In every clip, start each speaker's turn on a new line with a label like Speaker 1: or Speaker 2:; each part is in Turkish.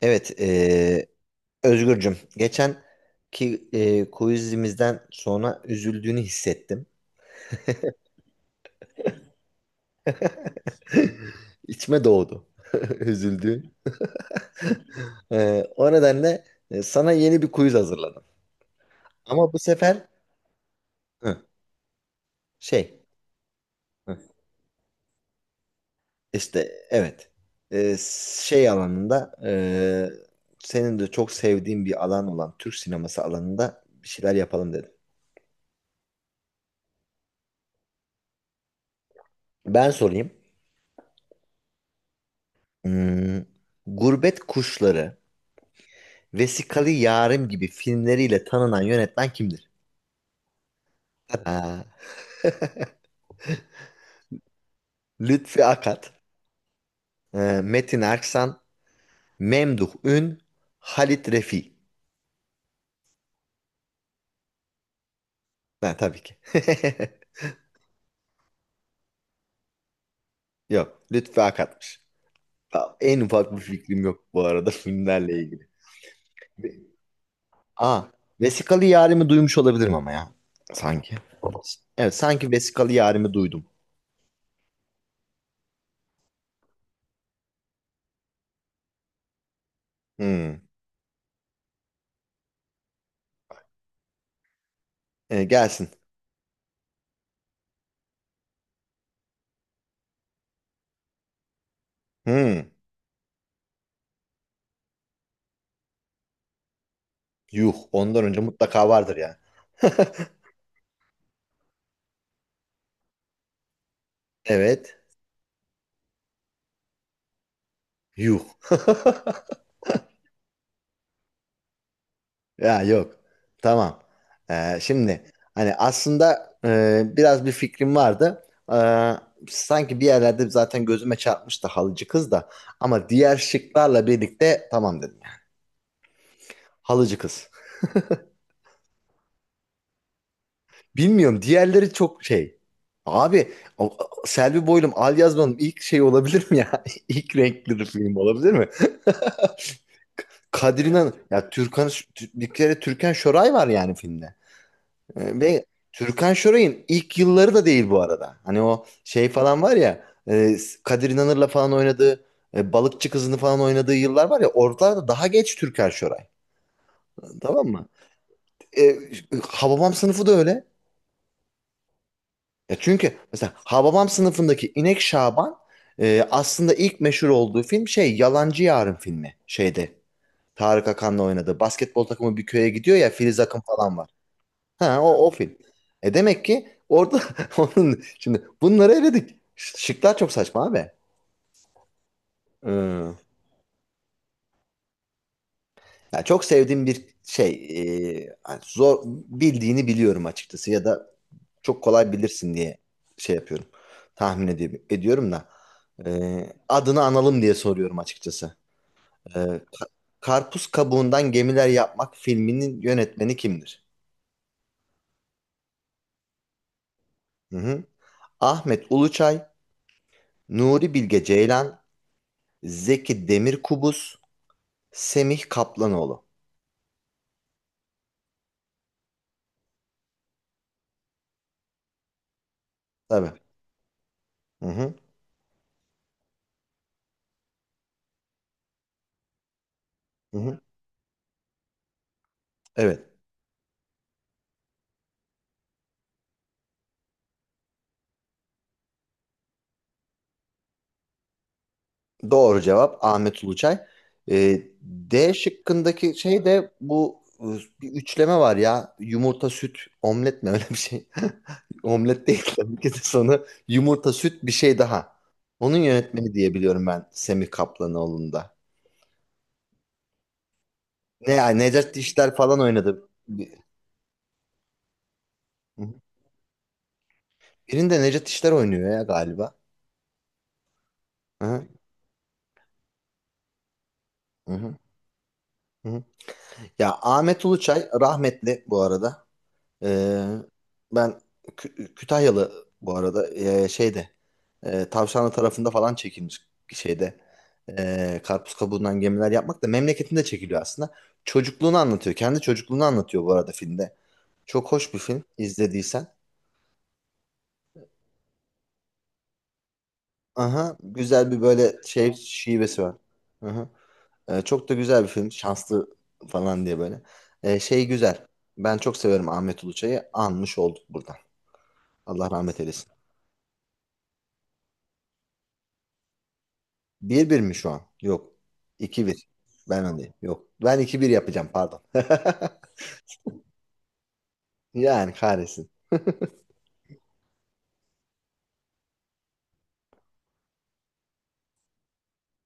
Speaker 1: Evet, Özgürcüm. Geçen ki quizimizden sonra üzüldüğünü hissettim. İçime doğdu. Üzüldüğün. O nedenle, sana yeni bir quiz hazırladım. Ama bu sefer hı, şey hı, evet. Eee, Şey alanında, senin de çok sevdiğin bir alan olan Türk sineması alanında bir şeyler yapalım dedim. Ben sorayım. Hmm, Gurbet Kuşları, Vesikalı Yarim gibi filmleriyle tanınan yönetmen kimdir? Ha, Lütfi Akat, e, Metin Erksan, Memduh Ün, Halit Refi. Ha, tabii ki. Yok, Lütfi Akat'mış. Ha, en ufak bir fikrim yok bu arada filmlerle ilgili. Aa, Vesikalı Yarim'i duymuş olabilirim ama ya. Sanki. Evet, sanki Vesikalı Yarim'i duydum. Hmm. E, gelsin. Hmm. Yuh, ondan önce mutlaka vardır ya. Evet, yuh. Ya yok. Tamam. Şimdi hani aslında, biraz bir fikrim vardı. Ee, Sanki bir yerlerde zaten gözüme çarpmıştı halıcı kız da. Ama diğer şıklarla birlikte tamam dedim. Halıcı kız. Bilmiyorum, diğerleri çok şey. Abi o- Selvi Boylum, Al Yazman'ın ilk şey olabilir mi ya? İlk renkli film olabilir mi? Kadir'in ya Türkan, bir kere Türkan Şoray var yani filmde. Ve Türkan Şoray'ın ilk yılları da değil bu arada. Hani o şey falan var ya, e, Kadir İnanır'la falan oynadığı, Balıkçı Kızı'nı falan oynadığı yıllar var ya, oralarda daha geç Türkan Şoray. Tamam mı? E, Hababam sınıfı da öyle. Ya çünkü mesela Hababam sınıfındaki İnek Şaban, aslında ilk meşhur olduğu film şey Yalancı Yarın filmi şeyde. Tarık Akan'la oynadı. Basketbol takımı bir köye gidiyor ya, Filiz Akın falan var. Ha o film. Demek ki orada onun şimdi bunları eledik. Şıklar çok saçma abi. Ee, Ya çok sevdiğim bir şey, hani zor bildiğini biliyorum açıkçası ya da çok kolay bilirsin diye şey yapıyorum. Tahmin ediyorum da, adını analım diye soruyorum açıkçası. Ee, Ka- Karpuz Kabuğundan Gemiler Yapmak filminin yönetmeni kimdir? Hı hı. Ahmet Uluçay, Nuri Bilge Ceylan, Zeki Demirkubuz, Semih Kaplanoğlu. Tabii. Hı hı. Hı hı. Evet. Doğru cevap Ahmet Uluçay. D şıkkındaki şey de bu, bir üçleme var ya. Yumurta, süt, omlet mi öyle bir şey? Omlet değil tabii ki de sonu. Yumurta, süt, bir şey daha. Onun yönetmeni diye biliyorum ben, Semih Kaplanoğlu'nda. Ne ya, Necat İşler falan oynadı. Hı hı. Birinde Necat İşler oynuyor ya galiba. Hı hı. Hı hı. Hı hı. Ya Ahmet Uluçay rahmetli bu arada. Ee, Ben Kütahyalı bu arada, şeyde, Tavşanlı tarafında falan çekilmiş şeyde, karpuz kabuğundan gemiler yapmak da memleketinde çekiliyor aslında. Çocukluğunu anlatıyor. Kendi çocukluğunu anlatıyor bu arada filmde. Çok hoş bir film, izlediysen. Aha, güzel bir böyle şey şivesi var. Aha. Çok da güzel bir film. Şanslı falan diye böyle. Şey güzel. Ben çok severim Ahmet Uluçay'ı. Anmış olduk buradan. Allah rahmet eylesin. 1-1 mi şu an? Yok. 2-1. Ben öndeyim. Yok. Ben 2-1 yapacağım, pardon. Yani kahretsin.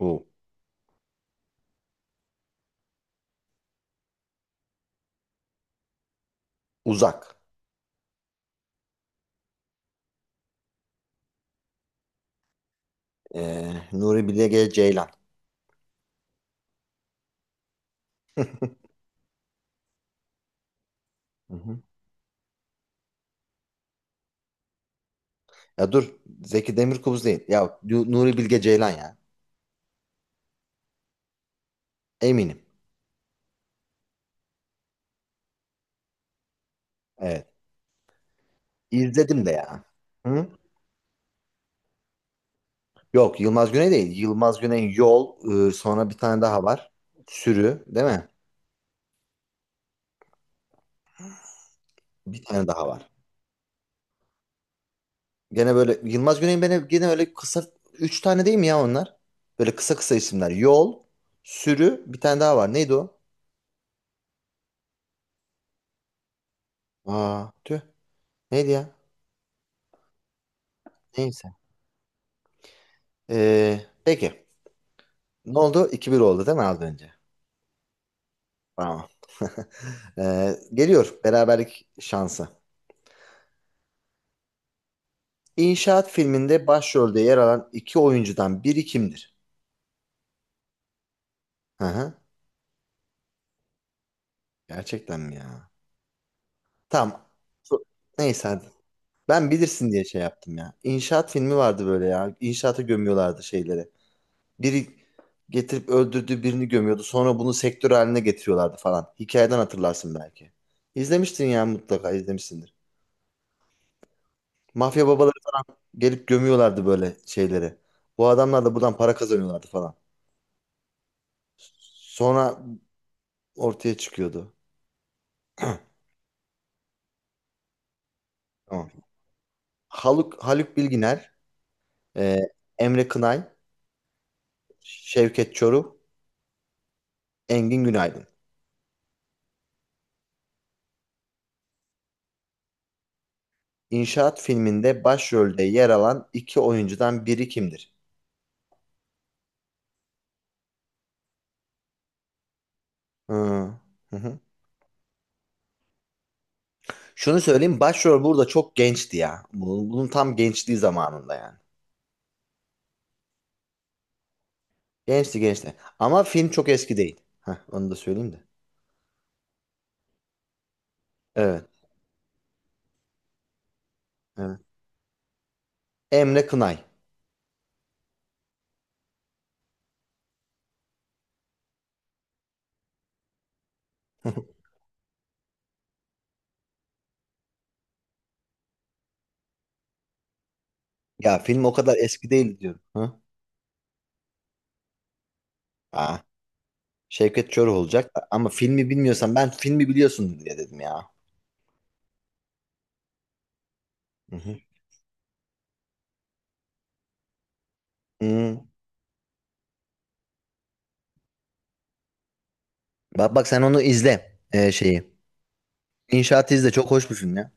Speaker 1: Bu Uzak. Nuri Bilge Ceylan. Hı hı. Ya dur. Zeki Demirkubuz değil. Ya, Nuri Bilge Ceylan ya. Eminim. Evet. İzledim de ya. Hı? Yok, Yılmaz Güney değil. Yılmaz Güney Yol. Sonra bir tane daha var. Sürü değil mi? Bir tane daha var. Gene böyle Yılmaz Güney'in, beni gene öyle kısa, 3 tane değil mi ya onlar? Böyle kısa kısa isimler. Yol, sürü, bir tane daha var. Neydi o? Aa, tüh. Neydi ya? Neyse. Peki. Ne oldu? 2 bir oldu değil mi az önce? Tamam. Geliyor beraberlik şansı. İnşaat filminde başrolde yer alan iki oyuncudan biri kimdir? Hı hı. Gerçekten mi ya? Tamam. Neyse hadi. Ben bilirsin diye şey yaptım ya. İnşaat filmi vardı böyle ya. İnşaata gömüyorlardı şeyleri. Biri getirip öldürdüğü birini gömüyordu. Sonra bunu sektör haline getiriyorlardı falan. Hikayeden hatırlarsın belki. İzlemiştin ya, mutlaka izlemişsindir. Mafya babaları gelip gömüyorlardı böyle şeyleri. Bu adamlar da buradan para kazanıyorlardı falan. Sonra ortaya çıkıyordu. Tamam. Haluk Bilginer, e, Emre Kınay, Şevket Çoruh, Engin Günaydın. İnşaat filminde başrolde yer alan iki oyuncudan biri kimdir? Hı, hı hı. Şunu söyleyeyim, başrol burada çok gençti ya. Bunun tam gençliği zamanında yani. Gençti gençti. Ama film çok eski değil. Heh, onu da söyleyeyim de. Evet, evet. Emre Kınay. Ya film o kadar eski değil diyorum. Hı? Aa, Şevket Çoruh olacak ama filmi bilmiyorsan, ben filmi biliyorsun diye dedim ya. Hı hı. Hmm. Bak bak, sen onu izle şeyi. İnşaatı izle, çok hoş bir film ya.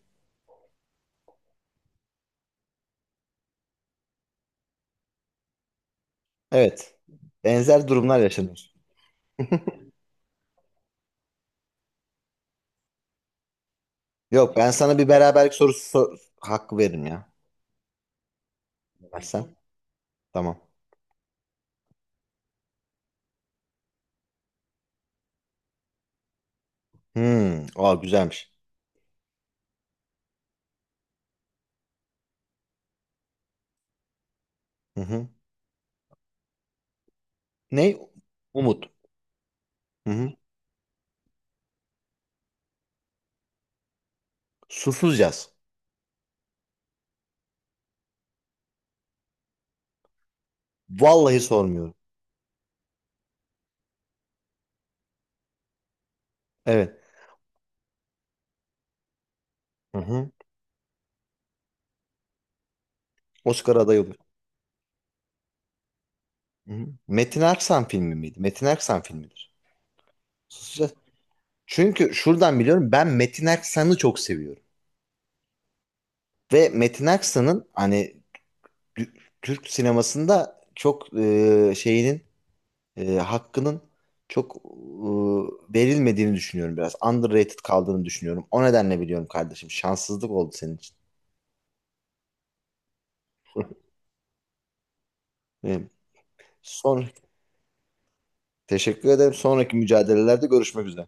Speaker 1: Evet. Benzer durumlar yaşanır. Yok, ben sana bir beraberlik sorusu hakkı veririm ya. Versen. Tamam. Hmm. Aa, güzelmiş. Hı hı. Ne? Umut. Hı hı. Susuz yaz. Vallahi sormuyorum. Evet. Hı hı. Oscar adayı olur. Hı hı. Metin Erksan filmi miydi? Metin Erksan filmidir. Susuz yaz. Çünkü şuradan biliyorum, ben Metin Erksan'ı çok seviyorum. Ve Metin Erksan'ın hani Tü- Türk sinemasında çok, şeyinin, hakkının çok, verilmediğini düşünüyorum biraz. Underrated kaldığını düşünüyorum. O nedenle biliyorum kardeşim. Şanssızlık oldu senin için. Evet. Son, teşekkür ederim. Sonraki mücadelelerde görüşmek üzere.